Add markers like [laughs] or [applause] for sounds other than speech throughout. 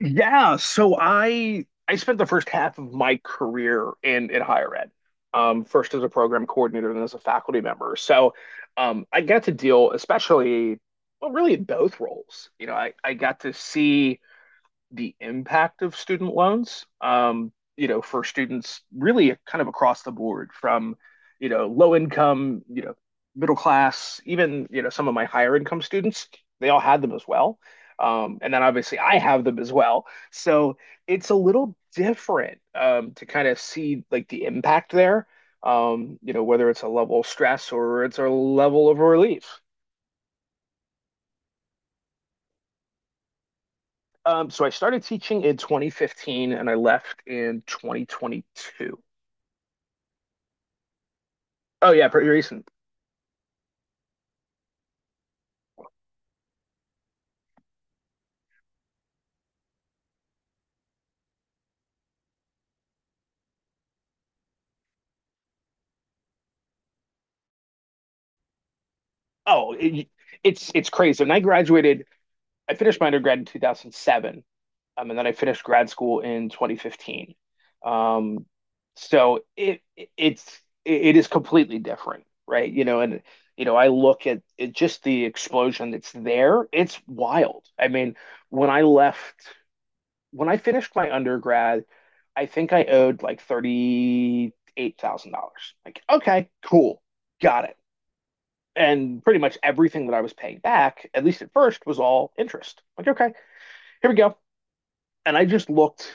Yeah, so I spent the first half of my career in higher ed. First as a program coordinator, and as a faculty member. So I got to deal, especially, well, really in both roles. I got to see the impact of student loans, for students really kind of across the board from, low income, middle class, even, some of my higher income students, they all had them as well. And then obviously I have them as well. So it's a little different to kind of see like the impact there, whether it's a level of stress or it's a level of relief. So I started teaching in 2015 and I left in 2022. Oh yeah, pretty recent. Oh, it's crazy. When I graduated, I finished my undergrad in 2007, and then I finished grad school in 2015. Um, so it is completely different, right? And I look at it, just the explosion that's there. It's wild. I mean, when I left, when I finished my undergrad, I think I owed like $38,000. Like, okay, cool, got it. And pretty much everything that I was paying back, at least at first, was all interest. Like, okay, here we go. And I just looked,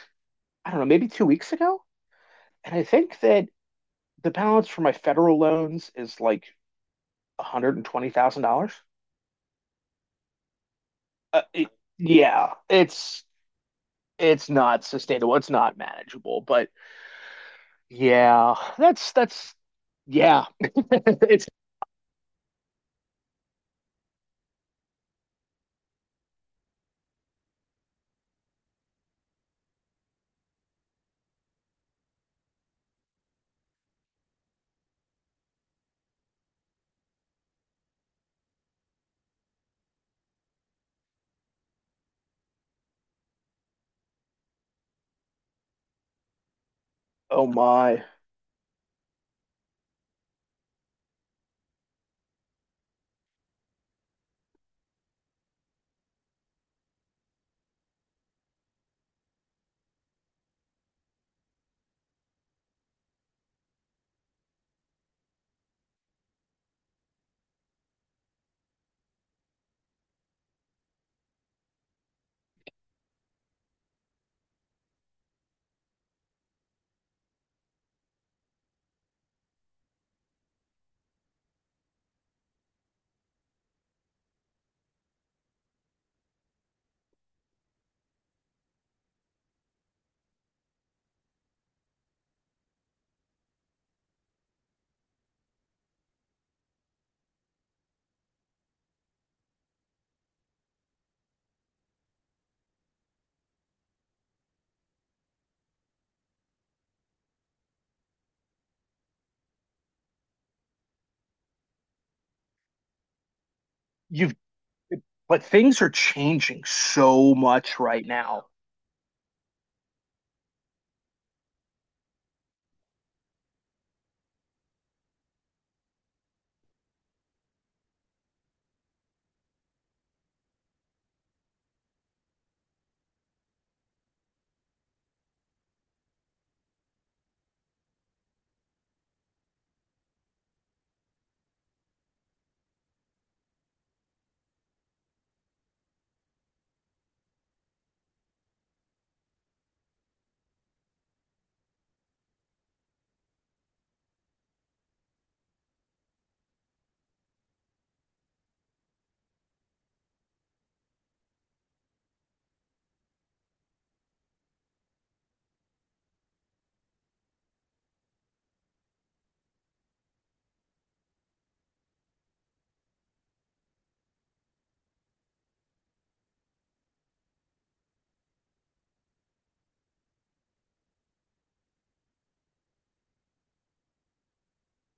I don't know, maybe 2 weeks ago. And I think that the balance for my federal loans is like $120,000. Uh, it- yeah, it's not sustainable. It's not manageable. But yeah, that's yeah. [laughs] It's Oh my. You've But things are changing so much right now.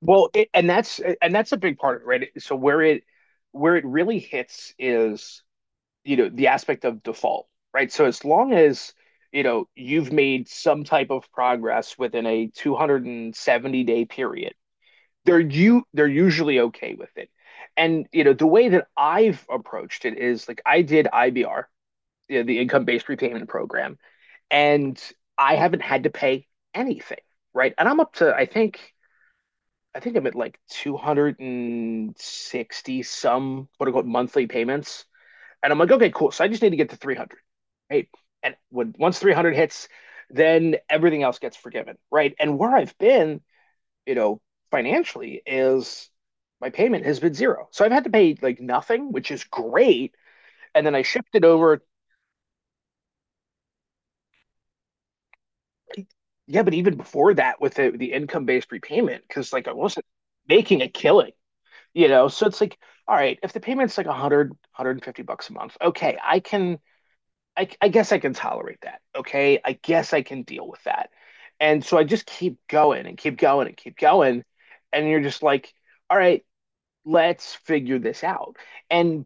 Well, and that's a big part of it, right? So where it really hits is, the aspect of default, right? So as long as, you've made some type of progress within a 270-day period, they're usually okay with it. And, the way that I've approached it is like I did IBR, the income-based repayment program, and I haven't had to pay anything, right? And I'm up to, I think I'm at like 260 some quote unquote monthly payments. And I'm like, okay, cool. So I just need to get to 300. Right. And when once 300 hits, then everything else gets forgiven. Right. And where I've been, you know, financially is my payment has been zero. So I've had to pay like nothing, which is great. And then I shifted over. Yeah. But even before that with the income based repayment, because like I wasn't making a killing. You know, so it's like, all right, if the payment's like 100, 150 bucks a month, okay, I guess I can tolerate that. Okay, I guess I can deal with that. And so I just keep going and keep going and keep going. And you're just like, all right, let's figure this out. And,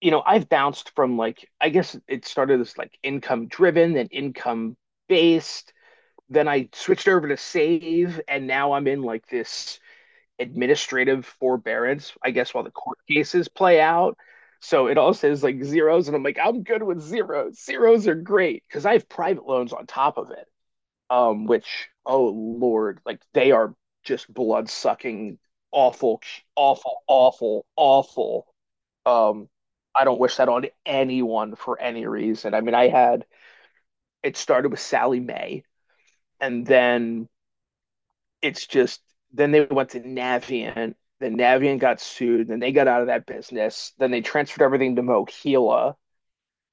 I've bounced from like, I guess it started as like income driven and income based. Then I switched over to save. And now I'm in like this administrative forbearance, I guess, while the court cases play out. So it all says like zeros, and I'm like, I'm good with zeros. Zeros are great because I have private loans on top of it, which, oh Lord, like they are just blood sucking, awful, awful, awful, awful. Um, I don't wish that on anyone for any reason. I mean, I had it started with Sally May, and then it's just then they went to Navient. Then Navient got sued. Then they got out of that business. Then they transferred everything to Mohila,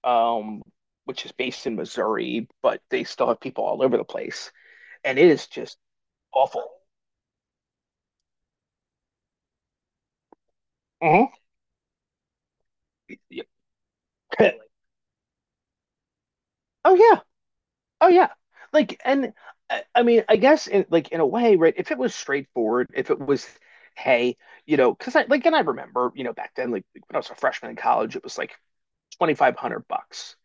um, which is based in Missouri, but they still have people all over the place, and it is just awful. Mhm. [laughs] Oh yeah, oh yeah. Like, and I mean, I guess in like in a way, right? If it was straightforward, if it was, hey, and I remember, back then, like when I was a freshman in college, it was like 2,500 bucks,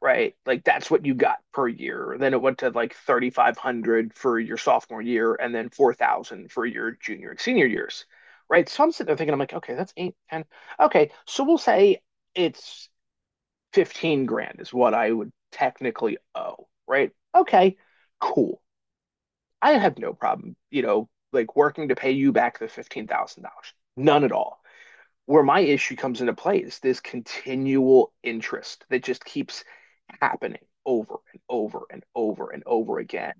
right? Like that's what you got per year. Then it went to like 3,500 for your sophomore year and then 4,000 for your junior and senior years, right? So I'm sitting there thinking, I'm like, okay, that's eight ten. Okay, so we'll say it's 15 grand is what I would technically owe, right? Okay, cool. I have no problem, like working to pay you back the $15,000. None at all. Where my issue comes into play is this continual interest that just keeps happening over and over and over and over again.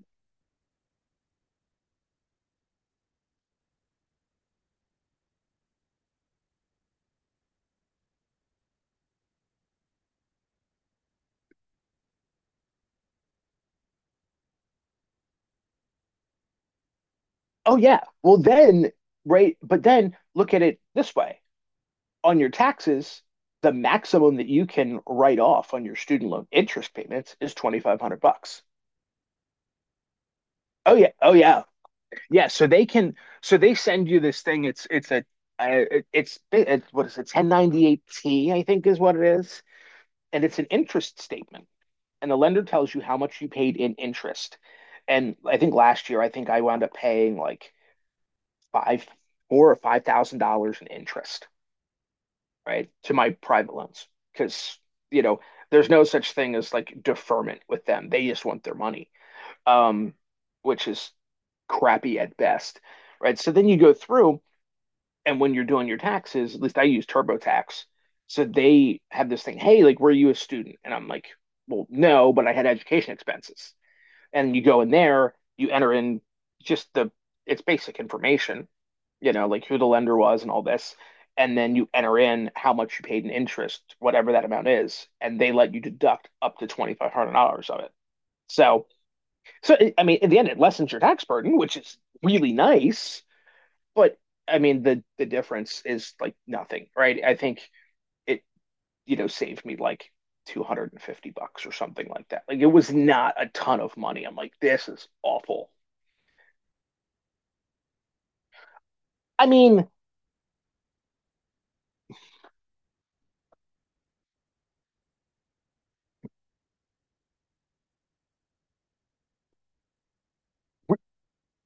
Oh, yeah. Well, then, right. But then look at it this way on your taxes, the maximum that you can write off on your student loan interest payments is 2,500 bucks. Oh yeah, oh yeah. Yeah, so they send you this thing, it's a it- it's what is it, 1098T, I think is what it is, and it's an interest statement and the lender tells you how much you paid in interest. And I think last year, I think I wound up paying like five, four or five thousand dollars in interest, right, to my private loans because you know there's no such thing as like deferment with them. They just want their money, um, which is crappy at best, right? So then you go through, and when you're doing your taxes, at least I use TurboTax. So they have this thing, hey, like, were you a student? And I'm like, well, no, but I had education expenses. And you go in there, you enter in just the it's basic information, like who the lender was and all this, and then you enter in how much you paid in interest, whatever that amount is, and they let you deduct up to $2,500 of it. So, so I mean, in the end, it lessens your tax burden, which is really nice. But I mean, the difference is like nothing, right? I think it saved me like 250 bucks or something like that. Like it was not a ton of money. I'm like, this is awful. I mean,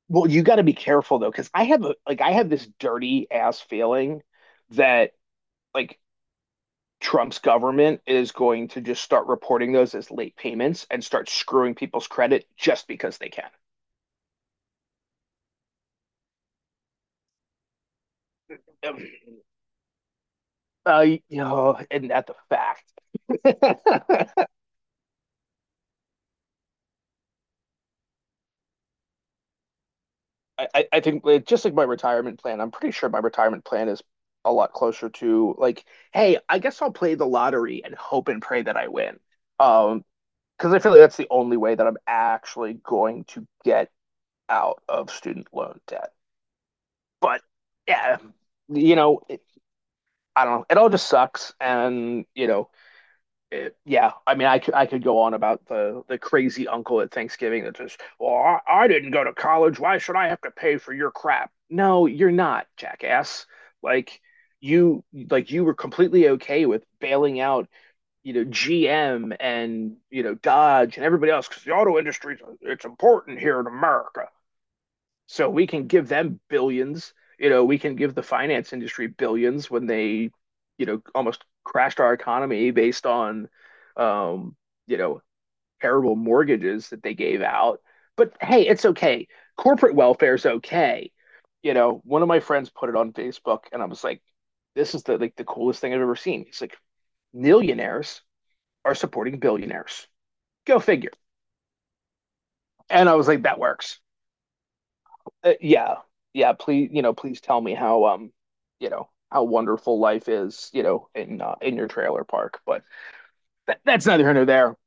well, you got to be careful though, because I have this dirty ass feeling that like Trump's government is going to just start reporting those as late payments and start screwing people's credit just because they can. [clears throat] Um, and not the fact. [laughs] I think like, just like my retirement plan, I'm pretty sure my retirement plan is a lot closer to like, hey, I guess I'll play the lottery and hope and pray that I win. Um, because I feel like that's the only way that I'm actually going to get out of student loan debt. But yeah, you know, it, I don't know. It all just sucks, and yeah. I mean, I could go on about the crazy uncle at Thanksgiving that just, well, I didn't go to college. Why should I have to pay for your crap? No, you're not, jackass. Like like you were completely okay with bailing out, GM and, Dodge and everybody else because the auto industry, it's important here in America. So we can give them billions. We can give the finance industry billions when they, almost crashed our economy based on, um, you know, terrible mortgages that they gave out. But hey, it's okay. Corporate welfare is okay. One of my friends put it on Facebook, and I was like, "This is the like the coolest thing I've ever seen." He's like, "Millionaires are supporting billionaires. Go figure." And I was like, that works. Yeah, yeah. Please tell me how wonderful life is, in your trailer park. But that's neither here nor there.